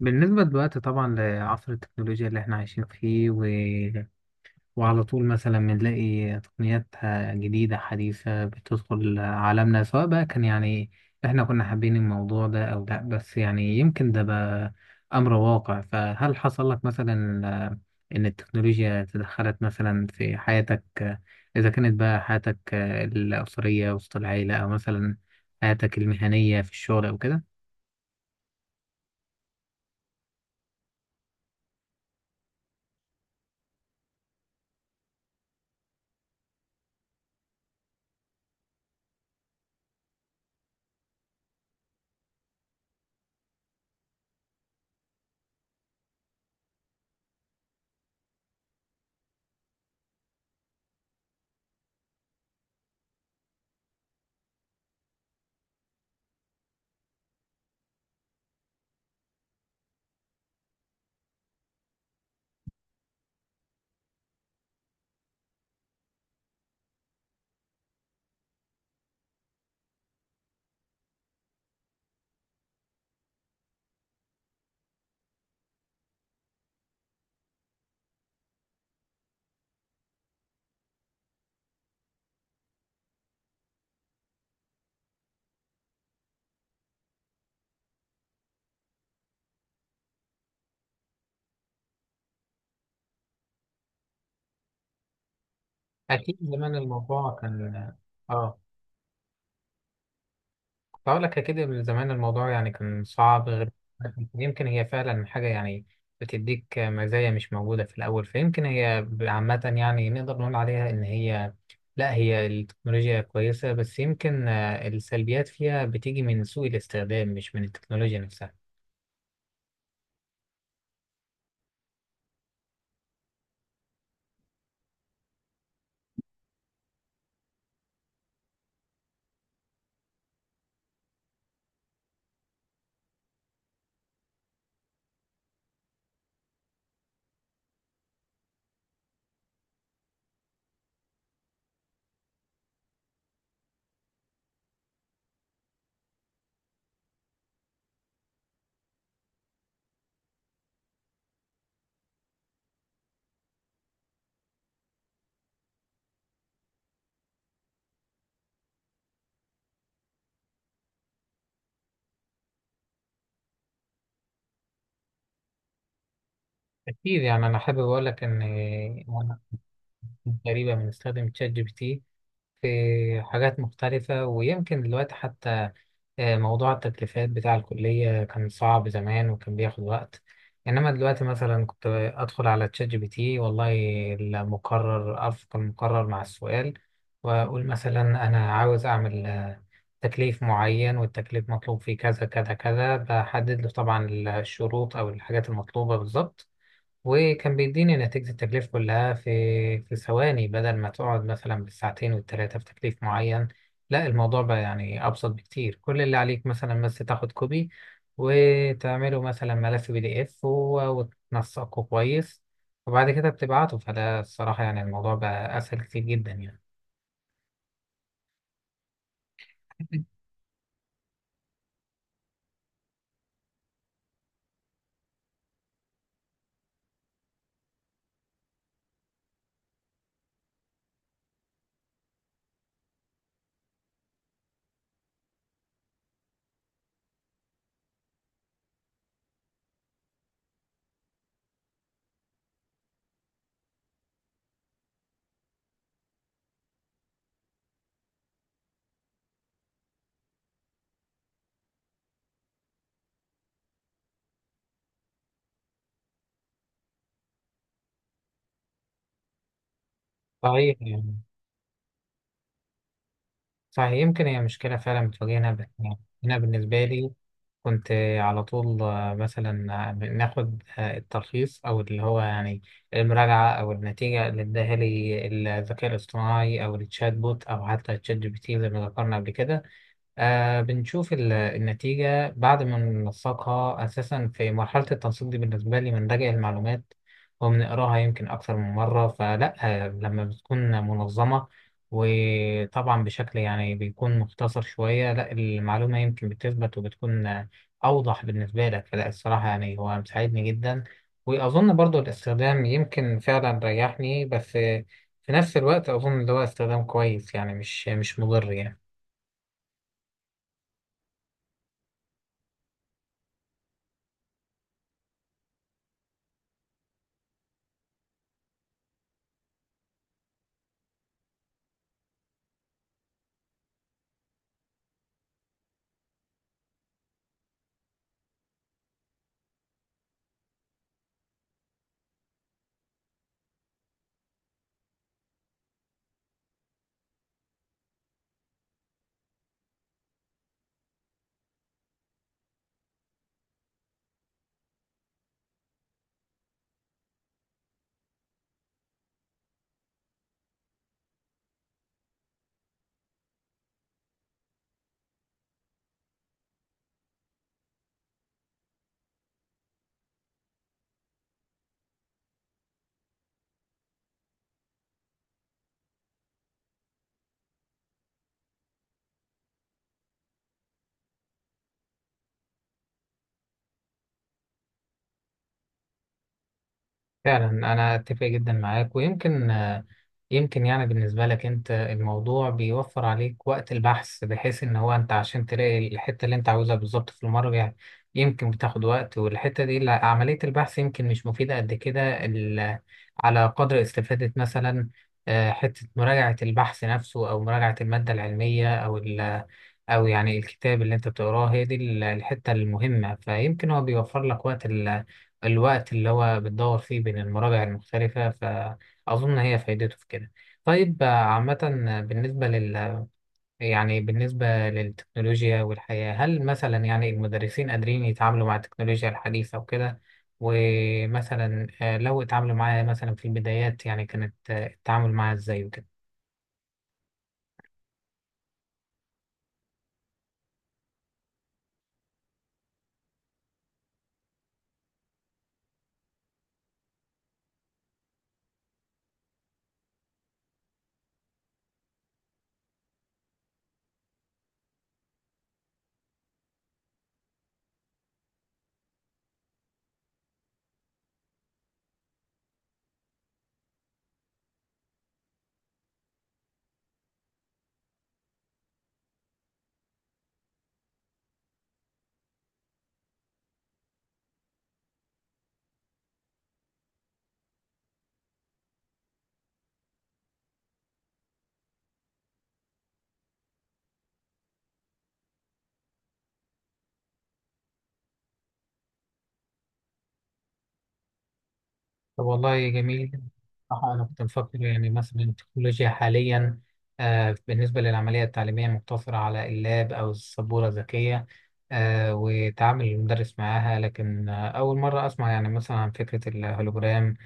بالنسبة دلوقتي طبعا لعصر التكنولوجيا اللي احنا عايشين فيه و... وعلى طول مثلا بنلاقي تقنيات جديدة حديثة بتدخل عالمنا، سواء بقى كان يعني احنا كنا حابين الموضوع ده او لا، بس يعني يمكن ده بقى امر واقع. فهل حصل لك مثلا ان التكنولوجيا تدخلت مثلا في حياتك، اذا كانت بقى حياتك الاسرية وسط العيلة، او مثلا حياتك المهنية في الشغل او كده؟ أكيد زمان الموضوع كان آه. بقول لك أكيد من زمان الموضوع يعني كان صعب غير. يمكن هي فعلا حاجة يعني بتديك مزايا مش موجودة في الأول، فيمكن هي عامة يعني نقدر نقول عليها إن هي لا، هي التكنولوجيا كويسة، بس يمكن السلبيات فيها بتيجي من سوء الاستخدام، مش من التكنولوجيا نفسها. أكيد، يعني أنا حابب أقول لك إن أنا كنت تقريبا بنستخدم ChatGPT في حاجات مختلفة. ويمكن دلوقتي حتى موضوع التكليفات بتاع الكلية كان صعب زمان وكان بياخد وقت، إنما دلوقتي مثلا كنت أدخل على ChatGPT والله، المقرر أرفق المقرر مع السؤال وأقول مثلا أنا عاوز أعمل تكليف معين، والتكليف مطلوب فيه كذا كذا كذا. بحدد له طبعا الشروط أو الحاجات المطلوبة بالظبط، وكان بيديني نتيجة التكليف كلها في في ثواني، بدل ما تقعد مثلا بالساعتين والتلاتة في تكليف معين. لا، الموضوع بقى يعني أبسط بكتير. كل اللي عليك مثلا بس تاخد كوبي وتعمله مثلا ملف PDF وتنسقه كويس وبعد كده بتبعته. فده الصراحة يعني الموضوع بقى أسهل كتير جدا يعني. صحيح يعني. صحيح، يمكن هي مشكلة فعلا بتواجهنا، بس يعني أنا بالنسبة لي كنت على طول مثلا ناخد التلخيص او اللي هو يعني المراجعه او النتيجه اللي اداها لي الذكاء الاصطناعي او التشات بوت او حتى ChatGPT ال زي ما ذكرنا قبل كده. آه، بنشوف النتيجة. بعد ما ننسقها، أساسا في مرحلة التنسيق دي بالنسبة لي بنراجع المعلومات وبنقراها يمكن أكثر من مرة. فلا، لما بتكون منظمة وطبعا بشكل يعني بيكون مختصر شوية، لا، المعلومة يمكن بتثبت وبتكون أوضح بالنسبة لك. فلا الصراحة يعني هو مساعدني جدا، وأظن برضو الاستخدام يمكن فعلا ريحني. بس في نفس الوقت أظن اللي هو استخدام كويس يعني مش مضر يعني. فعلا، انا اتفق جدا معاك، ويمكن يمكن يعني بالنسبه لك انت، الموضوع بيوفر عليك وقت البحث، بحيث ان هو انت عشان تلاقي الحته اللي انت عاوزها بالظبط في المرجع يمكن بتاخد وقت. والحته دي عمليه البحث يمكن مش مفيده قد كده على قدر استفاده مثلا حته مراجعه البحث نفسه او مراجعه الماده العلميه او ال او يعني الكتاب اللي انت بتقراه، هي دي الحته المهمه. فيمكن هو بيوفر لك وقت، الوقت اللي هو بتدور فيه بين المراجع المختلفة. فأظن هي فايدته في كده. طيب عامة آه، بالنسبة لل يعني بالنسبة للتكنولوجيا والحياة، هل مثلا يعني المدرسين قادرين يتعاملوا مع التكنولوجيا الحديثة وكده؟ ومثلا لو اتعاملوا معاها مثلا في البدايات، يعني كانت التعامل معاها ازاي وكده؟ طب والله جميل. صراحة أنا كنت مفكر يعني مثلا التكنولوجيا حاليا آه، بالنسبة للعملية التعليمية مقتصرة على اللاب أو السبورة الذكية آه، وتعامل المدرس معاها. لكن آه، أول مرة أسمع يعني مثلا عن فكرة الهولوجرام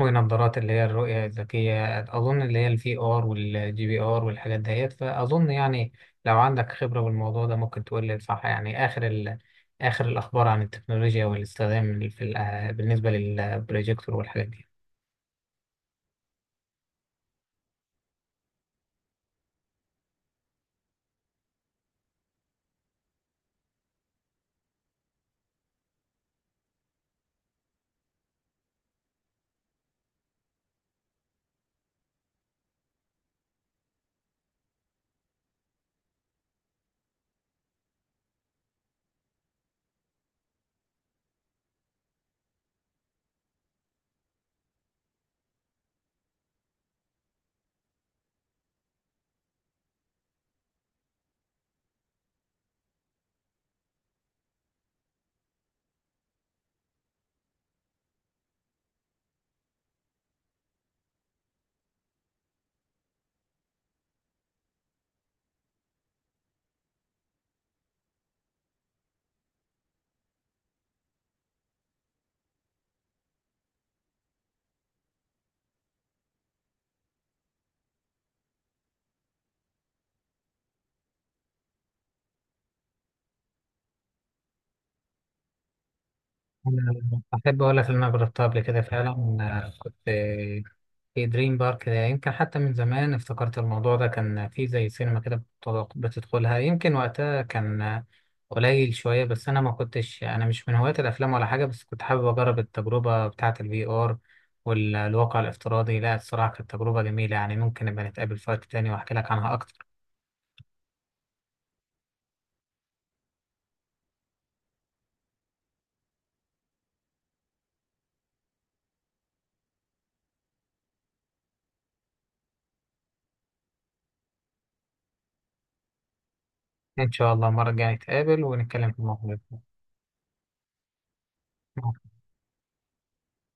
ونظارات اللي هي الرؤية الذكية، أظن اللي هي VR ال وGPR ال والحاجات ديت. فأظن يعني لو عندك خبرة بالموضوع ده ممكن تقول لي، صح يعني آخر آخر الأخبار عن التكنولوجيا والاستخدام في بالنسبة للبروجيكتور والحاجات دي. أنا أحب أقول لك إن أنا جربتها قبل كده فعلا. أنا كنت في دريم بارك ده يمكن حتى من زمان، افتكرت الموضوع ده كان في زي سينما كده بتدخلها. يمكن وقتها كان قليل شوية، بس أنا ما كنتش، أنا مش من هواة الأفلام ولا حاجة، بس كنت حابب أجرب التجربة بتاعة VR ال والواقع الافتراضي. لا الصراحة كانت تجربة جميلة يعني. ممكن نبقى نتقابل في وقت تاني وأحكي لك عنها أكتر. إن شاء الله المرة الجاية نتقابل ونتكلم في الموضوع ده.